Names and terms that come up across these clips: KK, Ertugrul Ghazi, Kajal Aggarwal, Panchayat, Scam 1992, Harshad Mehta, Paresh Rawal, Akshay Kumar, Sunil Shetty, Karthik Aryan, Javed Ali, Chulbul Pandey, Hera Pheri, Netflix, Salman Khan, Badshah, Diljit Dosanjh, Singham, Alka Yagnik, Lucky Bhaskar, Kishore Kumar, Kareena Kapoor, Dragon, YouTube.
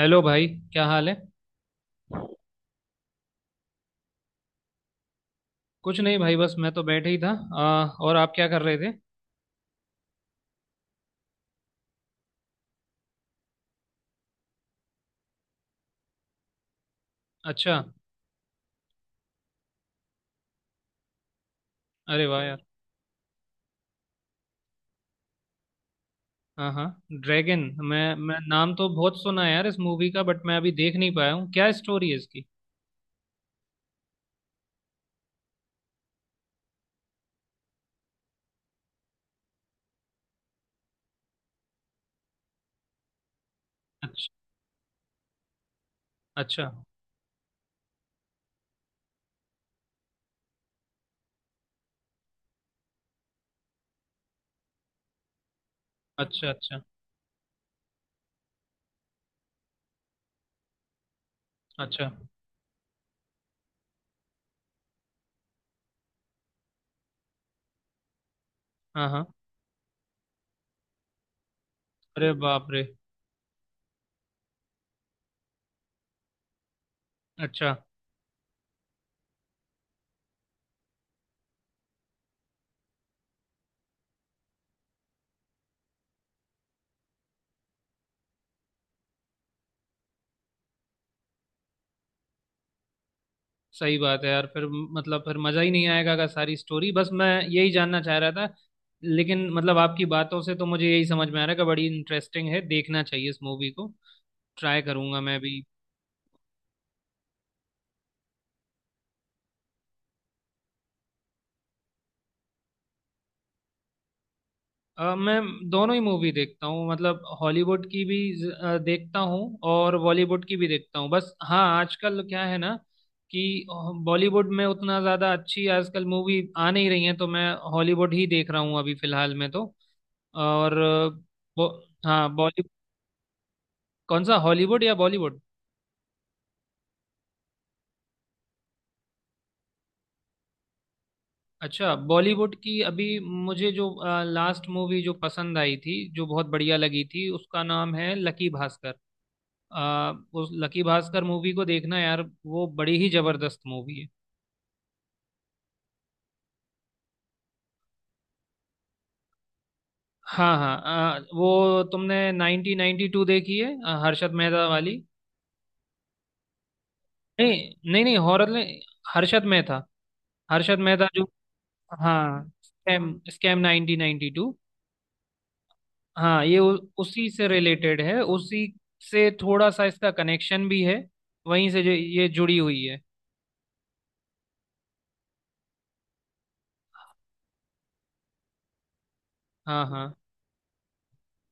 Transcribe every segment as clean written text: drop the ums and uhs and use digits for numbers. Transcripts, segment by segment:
Hello भाई। क्या हाल है? कुछ नहीं भाई, बस मैं तो बैठे ही था। और आप क्या कर रहे थे? अच्छा। अरे वाह यार। हाँ हाँ। ड्रैगन। मैं नाम तो बहुत सुना है यार इस मूवी का, बट मैं अभी देख नहीं पाया हूँ। क्या स्टोरी है इसकी? अच्छा अच्छा। अच्छा। अच्छा। अच्छा। हाँ हाँ। अरे बाप रे। अच्छा। सही बात है यार। फिर मतलब फिर मज़ा ही नहीं आएगा का सारी स्टोरी, बस मैं यही जानना चाह रहा था। लेकिन मतलब आपकी बातों से तो मुझे यही समझ में आ रहा है कि बड़ी इंटरेस्टिंग है, देखना चाहिए इस मूवी को। ट्राई करूंगा मैं भी। मैं दोनों ही मूवी देखता हूँ, मतलब हॉलीवुड की भी देखता हूँ और बॉलीवुड की भी देखता हूँ। बस हाँ, आजकल क्या है ना कि बॉलीवुड में उतना ज़्यादा अच्छी आजकल मूवी आ नहीं रही है, तो मैं हॉलीवुड ही देख रहा हूँ अभी फिलहाल में तो। और वो हाँ बॉली। कौन सा, हॉलीवुड या बॉलीवुड? अच्छा, बॉलीवुड की अभी मुझे जो लास्ट मूवी जो पसंद आई थी, जो बहुत बढ़िया लगी थी, उसका नाम है लकी भास्कर। उस लकी भास्कर मूवी को देखना यार, वो बड़ी ही जबरदस्त मूवी है। हाँ हाँ। वो तुमने 1992 देखी है, हर्षद मेहता वाली? नहीं नहीं नहीं, हॉरर नहीं। हर्षद मेहता। हर्षद मेहता जो। हाँ, स्कैम, स्कैम 1992। हाँ, ये उसी से रिलेटेड है। उसी से थोड़ा सा इसका कनेक्शन भी है, वहीं से जो ये जुड़ी हुई है। हाँ हाँ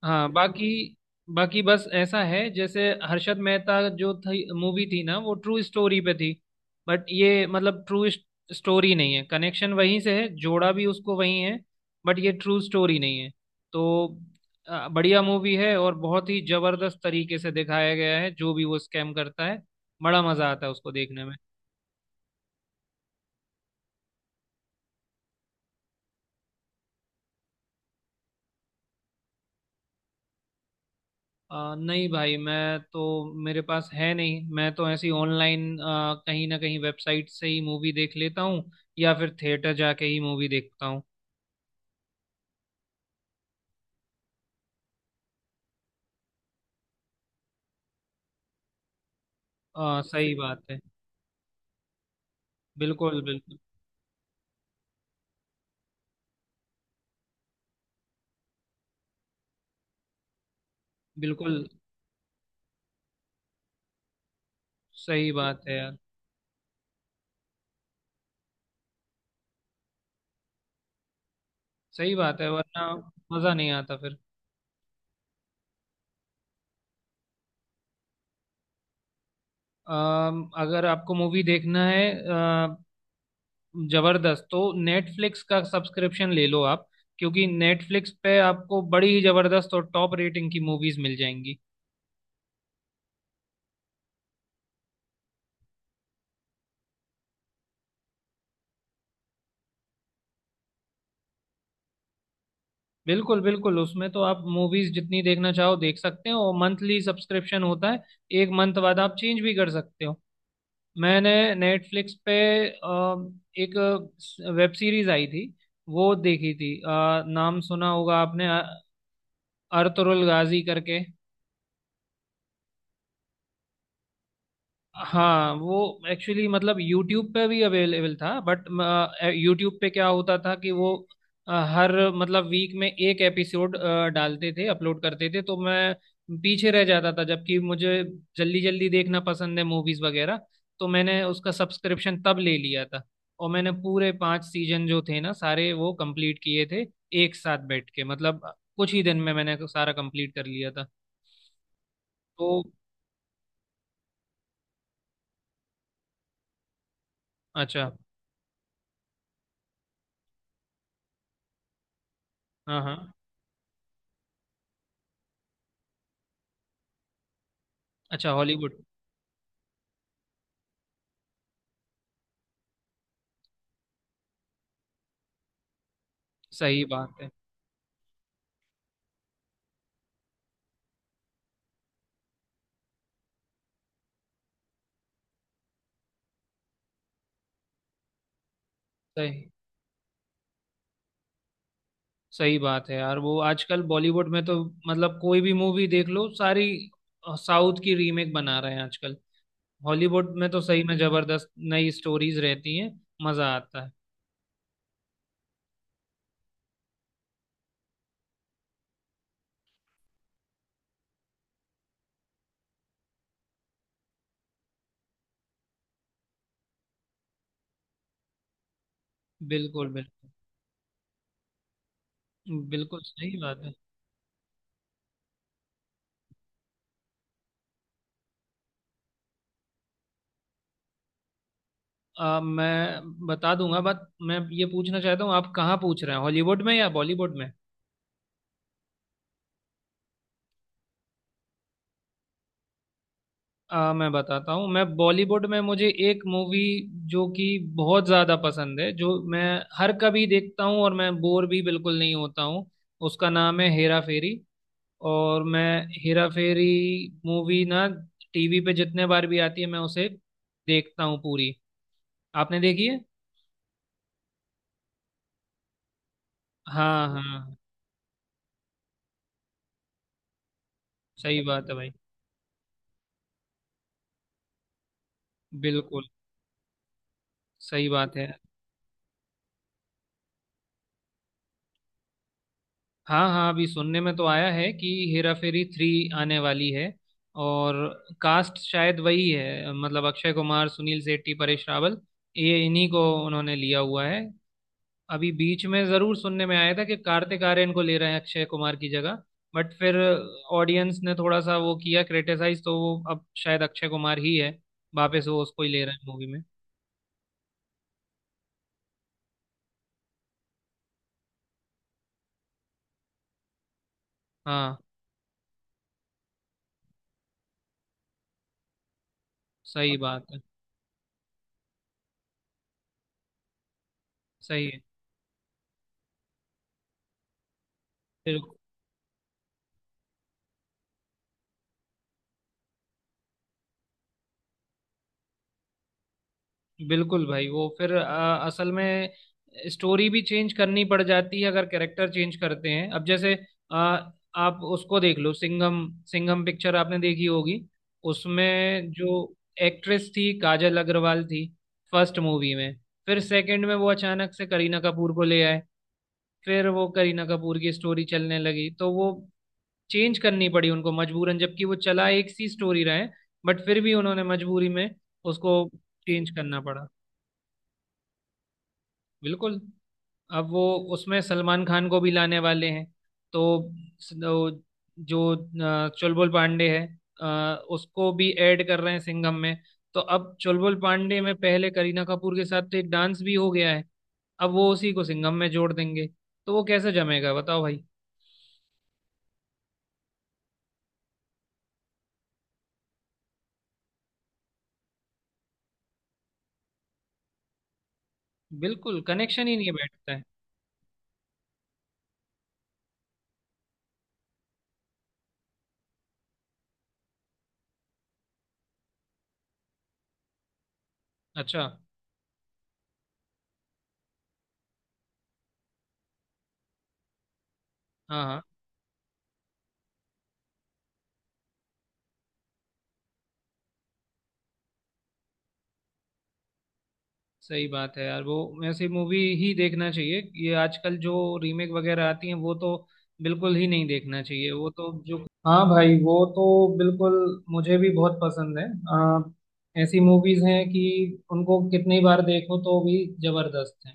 हाँ। बाकी, बाकी बस ऐसा है, जैसे हर्षद मेहता जो थी मूवी थी ना, वो ट्रू स्टोरी पे थी, बट ये मतलब ट्रू स्टोरी नहीं है। कनेक्शन वहीं से है, जोड़ा भी उसको वहीं है, बट ये ट्रू स्टोरी नहीं है तो बढ़िया मूवी है। और बहुत ही जबरदस्त तरीके से दिखाया गया है जो भी वो स्कैम करता है। बड़ा मजा आता है उसको देखने में। नहीं भाई, मैं तो, मेरे पास है नहीं। मैं तो ऐसी ऑनलाइन कहीं ना कहीं वेबसाइट से ही मूवी देख लेता हूँ, या फिर थिएटर जाके ही मूवी देखता हूँ। सही बात है। बिल्कुल बिल्कुल। बिल्कुल सही बात है यार। सही बात है, वरना मज़ा नहीं आता फिर। अगर आपको मूवी देखना है जबरदस्त, तो नेटफ्लिक्स का सब्सक्रिप्शन ले लो आप, क्योंकि नेटफ्लिक्स पे आपको बड़ी ही जबरदस्त और टॉप रेटिंग की मूवीज मिल जाएंगी। बिल्कुल बिल्कुल, उसमें तो आप मूवीज जितनी देखना चाहो देख सकते हो। मंथली सब्सक्रिप्शन होता है, एक मंथ बाद आप चेंज भी कर सकते हो। मैंने नेटफ्लिक्स पे अ, एक वेब सीरीज आई थी, वो देखी थी। नाम सुना होगा आपने, अर्तुरुल गाजी करके। हाँ वो एक्चुअली मतलब यूट्यूब पे भी अवेलेबल था, बट यूट्यूब पे क्या होता था कि वो हर मतलब वीक में एक एपिसोड डालते थे, अपलोड करते थे, तो मैं पीछे रह जाता था। जबकि मुझे जल्दी जल्दी देखना पसंद है मूवीज वगैरह, तो मैंने उसका सब्सक्रिप्शन तब ले लिया था। और मैंने पूरे पांच सीजन जो थे ना सारे, वो कंप्लीट किए थे एक साथ बैठ के। मतलब कुछ ही दिन में मैंने सारा कंप्लीट कर लिया था। तो अच्छा। हाँ हाँ। अच्छा हॉलीवुड। सही बात है। सही, सही बात है यार। वो आजकल बॉलीवुड में तो मतलब कोई भी मूवी देख लो, सारी साउथ की रीमेक बना रहे हैं आजकल। हॉलीवुड में तो सही में जबरदस्त नई स्टोरीज रहती हैं, मजा आता है। बिल्कुल बिल्कुल। बिल्कुल सही बात है। मैं बता दूंगा, बट मैं ये पूछना चाहता हूँ, आप कहाँ पूछ रहे हैं, हॉलीवुड में या बॉलीवुड में? मैं बताता हूँ, मैं बॉलीवुड में मुझे एक मूवी जो कि बहुत ज़्यादा पसंद है, जो मैं हर कभी देखता हूँ और मैं बोर भी बिल्कुल नहीं होता हूँ, उसका नाम है हेरा फेरी। और मैं, हेरा फेरी मूवी ना टीवी पे जितने बार भी आती है, मैं उसे देखता हूँ पूरी। आपने देखी है? हाँ हाँ हाँ। सही बात है भाई। बिल्कुल सही बात है। हाँ हाँ, अभी सुनने में तो आया है कि हेरा फेरी थ्री आने वाली है। और कास्ट शायद वही है, मतलब अक्षय कुमार, सुनील शेट्टी, परेश रावल, ये इन्हीं को उन्होंने लिया हुआ है। अभी बीच में जरूर सुनने में आया था कि कार्तिक आर्यन को ले रहे हैं अक्षय कुमार की जगह, बट फिर ऑडियंस ने थोड़ा सा वो किया, क्रिटिसाइज, तो वो अब शायद अक्षय कुमार ही है, वापस वो उसको ही ले रहे हैं मूवी में। हाँ। सही बात है। सही है। फिर बिल्कुल भाई वो फिर असल में स्टोरी भी चेंज करनी पड़ जाती है अगर कैरेक्टर चेंज करते हैं। अब जैसे अ, आप उसको देख लो, सिंघम, सिंघम पिक्चर आपने देखी होगी। उसमें जो एक्ट्रेस थी, काजल अग्रवाल थी फर्स्ट मूवी में। फिर सेकंड में वो अचानक से करीना कपूर को ले आए, फिर वो करीना कपूर की स्टोरी चलने लगी, तो वो चेंज करनी पड़ी उनको मजबूरन। जबकि वो चला एक सी स्टोरी रहे, बट फिर भी उन्होंने मजबूरी में उसको चेंज करना पड़ा। बिल्कुल। अब वो उसमें सलमान खान को भी लाने वाले हैं, तो वो जो चुलबुल पांडे है, अ, उसको भी ऐड कर रहे हैं सिंघम में। तो अब चुलबुल पांडे में पहले करीना कपूर के साथ तो एक डांस भी हो गया है, अब वो उसी को सिंघम में जोड़ देंगे, तो वो कैसे जमेगा बताओ भाई? बिल्कुल, कनेक्शन ही नहीं बैठता है। अच्छा। हाँ हाँ, सही बात है यार। वो ऐसी मूवी ही देखना चाहिए, ये आजकल जो रीमेक वगैरह आती हैं वो तो बिल्कुल ही नहीं देखना चाहिए। वो तो जो, हाँ भाई वो तो बिल्कुल, मुझे भी बहुत पसंद है। ऐसी मूवीज हैं कि उनको कितनी बार देखो तो भी जबरदस्त है।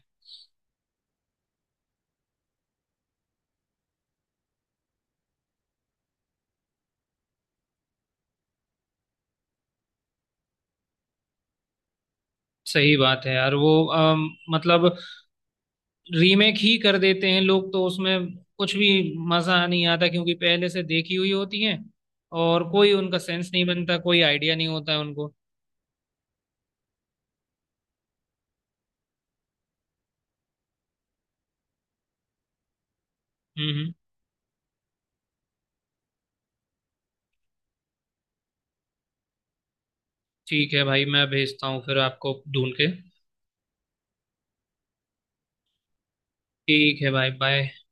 सही बात है यार। वो मतलब रीमेक ही कर देते हैं लोग, तो उसमें कुछ भी मजा नहीं आता, क्योंकि पहले से देखी हुई होती हैं, और कोई उनका सेंस नहीं बनता, कोई आइडिया नहीं होता है उनको। हम्म हम्म। ठीक है भाई, मैं भेजता हूँ फिर आपको ढूंढ के। ठीक है भाई, बाय।